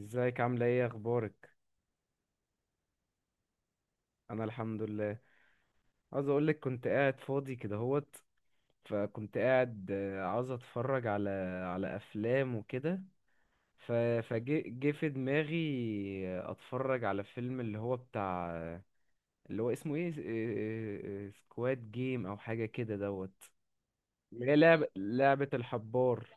ازيك، عاملة ايه، اخبارك؟ انا الحمد لله. عاوز اقولك كنت قاعد فاضي كده هوت. فكنت قاعد عاوز اتفرج على افلام وكده. ف- فجه في دماغي. اتفرج على فيلم اللي هو بتاع، اللي هو اسمه ايه، سكواد جيم او حاجة كده دوت. اللي هي لعبة الحبار.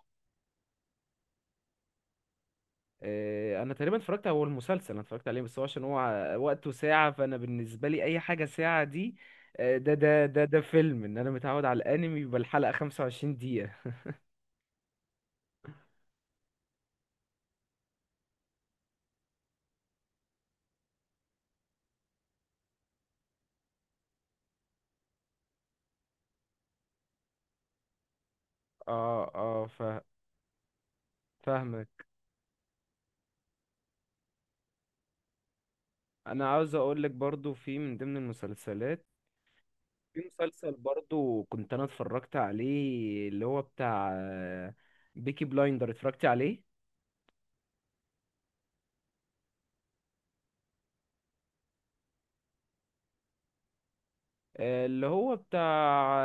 انا تقريبا اتفرجت، هو المسلسل انا اتفرجت عليه، بس هو عشان هو وقته ساعة، فانا بالنسبة لي اي حاجة ساعة دي. ده فيلم، انا متعود على الانمي يبقى الحلقة 25 دقيقة. اه فاهمك. انا عاوز اقول لك برضو، في من ضمن المسلسلات، في مسلسل برضو كنت انا اتفرجت عليه، اللي هو بتاع بيكي بلايندر، اتفرجت عليه. اللي هو بتاع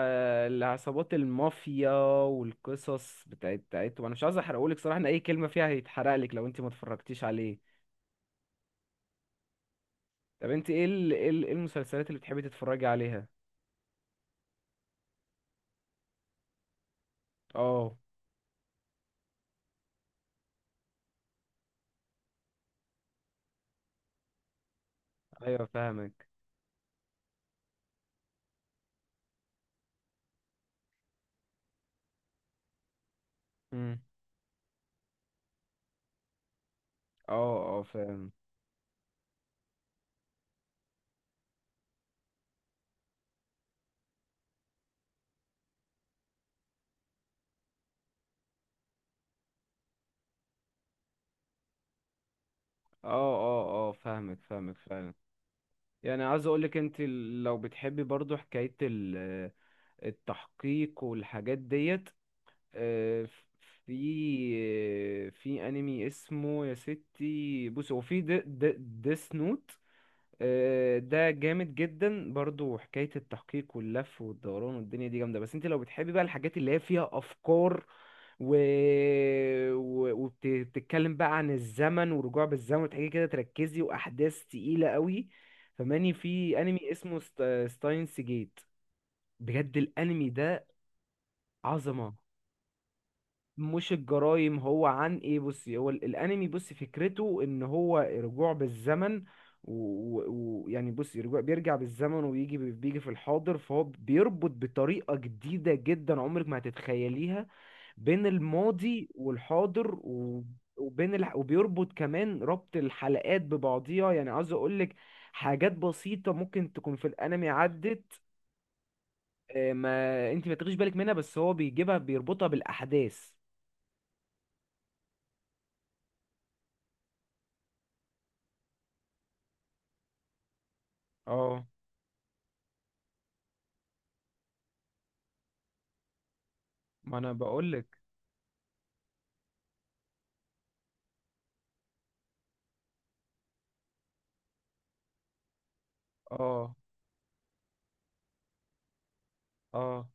العصابات، المافيا، والقصص بتاعتهم. انا مش عايز احرقهولك صراحة، ان اي كلمة فيها هيتحرقلك لو انت ما اتفرجتيش عليه. طب انت إيه المسلسلات اللي بتحبي تتفرجي عليها؟ اه. ايوه فاهمك. امم. اه فاهم. اه اه اه فاهمك، فاهمك فعلا. يعني عايز اقولك انت لو بتحبي برضو حكاية التحقيق والحاجات ديت. آه، في في انمي اسمه، يا ستي بص، هو في ديس نوت. ده جامد جدا برضو، حكاية التحقيق واللف والدوران والدنيا دي جامدة. بس انت لو بتحبي بقى الحاجات اللي هي فيها افكار و... و... وبتتكلم بقى عن الزمن ورجوع بالزمن، وتحكي كده تركزي، واحداث تقيلة قوي. فماني في انمي اسمه ستاينس جيت. بجد، الانمي ده عظمة. مش الجرايم، هو عن ايه؟ بصي، هو الانمي، بصي، فكرته ان هو رجوع بالزمن. ويعني بصي، رجوع بيرجع بالزمن ويجي بيجي في الحاضر، فهو بيربط بطريقة جديدة جدا عمرك ما هتتخيليها بين الماضي والحاضر وبيربط كمان ربط الحلقات ببعضيها. يعني عاوز اقولك، حاجات بسيطة ممكن تكون في الانمي عدت، ما انت ما تاخديش بالك منها، بس هو بيجيبها بيربطها بالاحداث. اه، ما انا بقولك. اه اه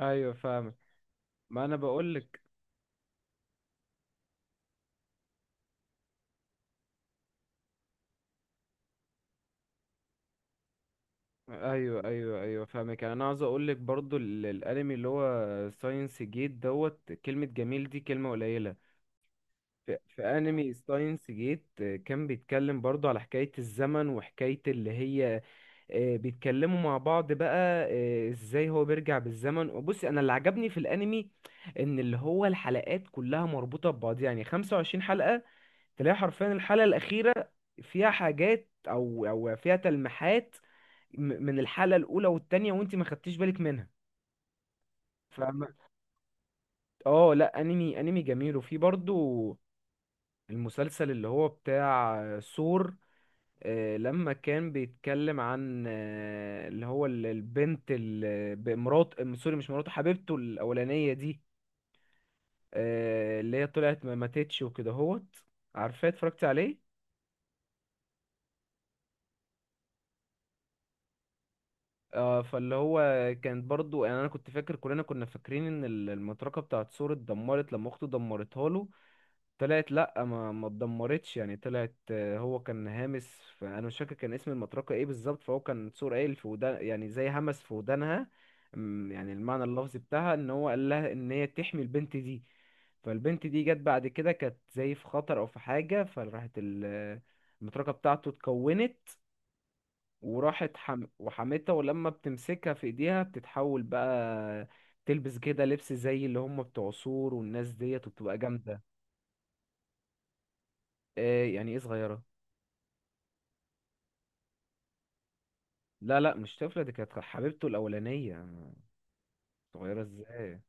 ايوه فاهمك، ما انا بقولك. ايوه ايوه ايوه فاهمك. يعني انا عاوز اقولك برضو الانمي اللي هو ساينس جيت دوت كلمة جميل دي كلمة قليلة. في انمي ساينس جيت، كان بيتكلم برضو على حكاية الزمن، وحكاية اللي هي بيتكلموا مع بعض بقى. ازاي هو بيرجع بالزمن. وبصي، انا اللي عجبني في الانمي ان اللي هو الحلقات كلها مربوطة ببعض، يعني 25 حلقة تلاقي حرفيا الحلقة الأخيرة فيها حاجات أو فيها تلميحات من الحلقة الأولى والتانية، وأنت ما خدتيش بالك منها. فما اه لا، أنمي جميل. وفي برضو المسلسل اللي هو بتاع سور. لما كان بيتكلم عن اللي هو البنت مرات سوري، مش مراته، حبيبته الأولانية دي. اللي هي طلعت ما ماتتش وكده هوت. عارفاه، اتفرجت عليه. اه، فاللي هو كانت برضو، يعني انا كنت فاكر، كلنا كنا فاكرين ان المطرقه بتاعت سور اتدمرت لما اخته دمرتها له. طلعت لا، ما اتدمرتش، يعني طلعت هو كان هامس، فانا مش فاكر كان اسم المطرقه ايه بالظبط. فهو كان سور قايل في ودان، يعني زي همس في ودانها. يعني المعنى اللفظي بتاعها ان هو قال لها ان هي تحمي البنت دي. فالبنت دي جت بعد كده، كانت زي في خطر او في حاجه، فراحت المطرقه بتاعته اتكونت وراحت وحمتها، ولما بتمسكها في ايديها بتتحول بقى، تلبس كده لبس زي اللي هم بتوع سور والناس ديت، وبتبقى جامدة. ايه يعني ايه صغيرة؟ لا لا، مش طفلة، دي كانت حبيبته الأولانية، صغيرة ازاي؟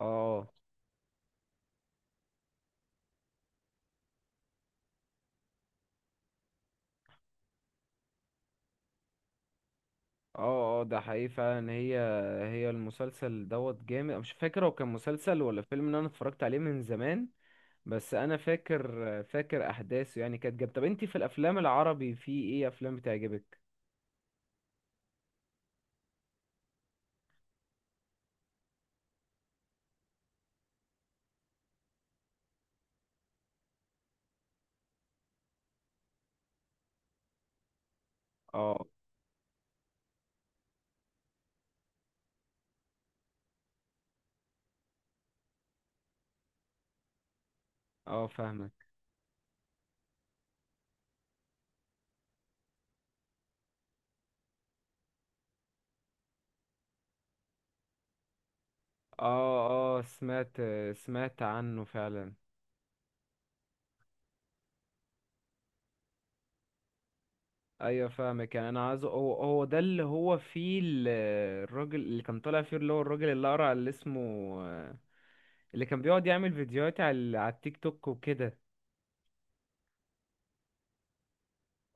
اه اه اه ده حقيقي فعلا. هي المسلسل دوت جامد. أنا مش فاكر هو كان مسلسل ولا فيلم، ان انا اتفرجت عليه من زمان، بس انا فاكر فاكر احداثه يعني كانت جامدة. طب انتي في الافلام العربي، في ايه افلام بتعجبك؟ اه اه فاهمك. اه سمعت، سمعت عنه فعلا. ايوه فاهمك، يعني انا عايزه، هو ده اللي هو فيه الراجل اللي كان طالع فيه، اللي هو الراجل اللي اقرع اللي اسمه، اللي كان بيقعد يعمل فيديوهات على على التيك توك وكده.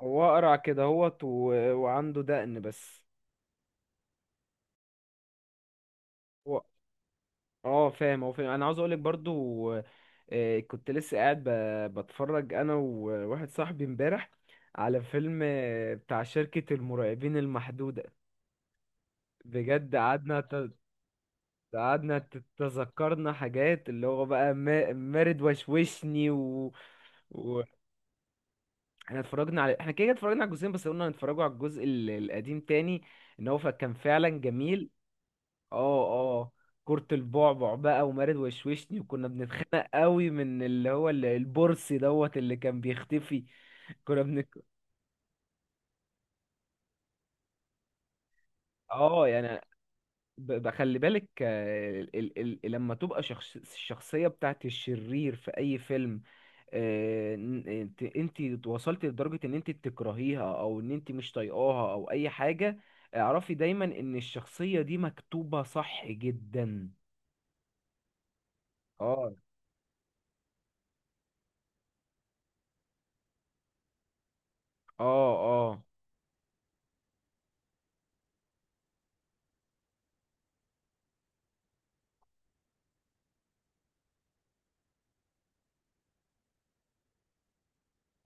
هو اقرع كده هوت وعنده دقن بس. هو اه فاهم، هو فاهم، انا عاوز اقولك برضو كنت لسه قاعد بتفرج انا وواحد صاحبي امبارح على فيلم بتاع شركة المرعبين المحدودة. بجد، قعدنا تتذكرنا حاجات، اللي هو بقى مارد وشوشني و... احنا اتفرجنا على، احنا كده كده اتفرجنا على الجزئين، بس قلنا هنتفرجوا على الجزء القديم تاني، ان هو كان فعلا جميل. اه اه، كرة البعبع بقى ومارد وشوشني، وكنا بنتخانق قوي من اللي هو البرصي دوت اللي كان بيختفي. كنا بن اه، يعني خلي بالك. لما تبقى الشخصية بتاعت الشرير في اي فيلم، آه، ن- انت انت وصلت لدرجة ان انت تكرهيها، او ان انت مش طايقاها، او اي حاجة، اعرفي دايما ان الشخصية دي مكتوبة صح جدا. اه اه اه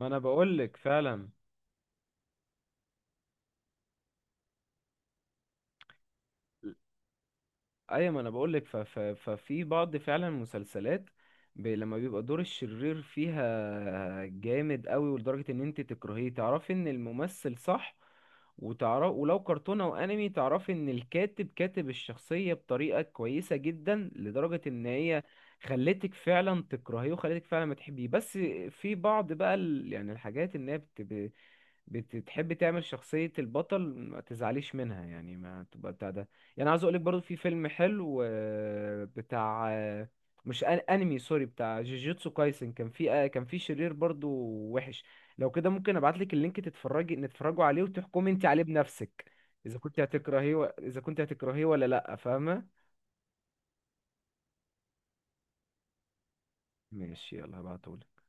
ما انا بقولك فعلا. ايوه، ما انا بقول لك، ففي بعض فعلا مسلسلات لما بيبقى دور الشرير فيها جامد قوي، ولدرجة ان انت تكرهيه، تعرفي ان الممثل صح. وتعرف ولو كرتونة او انمي، تعرفي ان الكاتب كاتب الشخصية بطريقة كويسة جدا لدرجة ان هي خلتك فعلا تكرهيه، وخلتك فعلا ما تحبيه. بس في بعض بقى يعني الحاجات ان هي بتحب تعمل شخصية البطل، ما تزعليش منها يعني، ما تبقى بتاع ده. يعني عاوز اقولك برضو في فيلم حلو بتاع، مش انمي، سوري، بتاع جوجيتسو كايسن، كان في شرير برضو وحش. لو كده ممكن ابعتلك اللينك تتفرجي، نتفرجوا عليه وتحكمي انت عليه بنفسك، اذا كنت هتكرهيه ولا لا، فاهمة؟ ماشي يلا، هبعتهولك.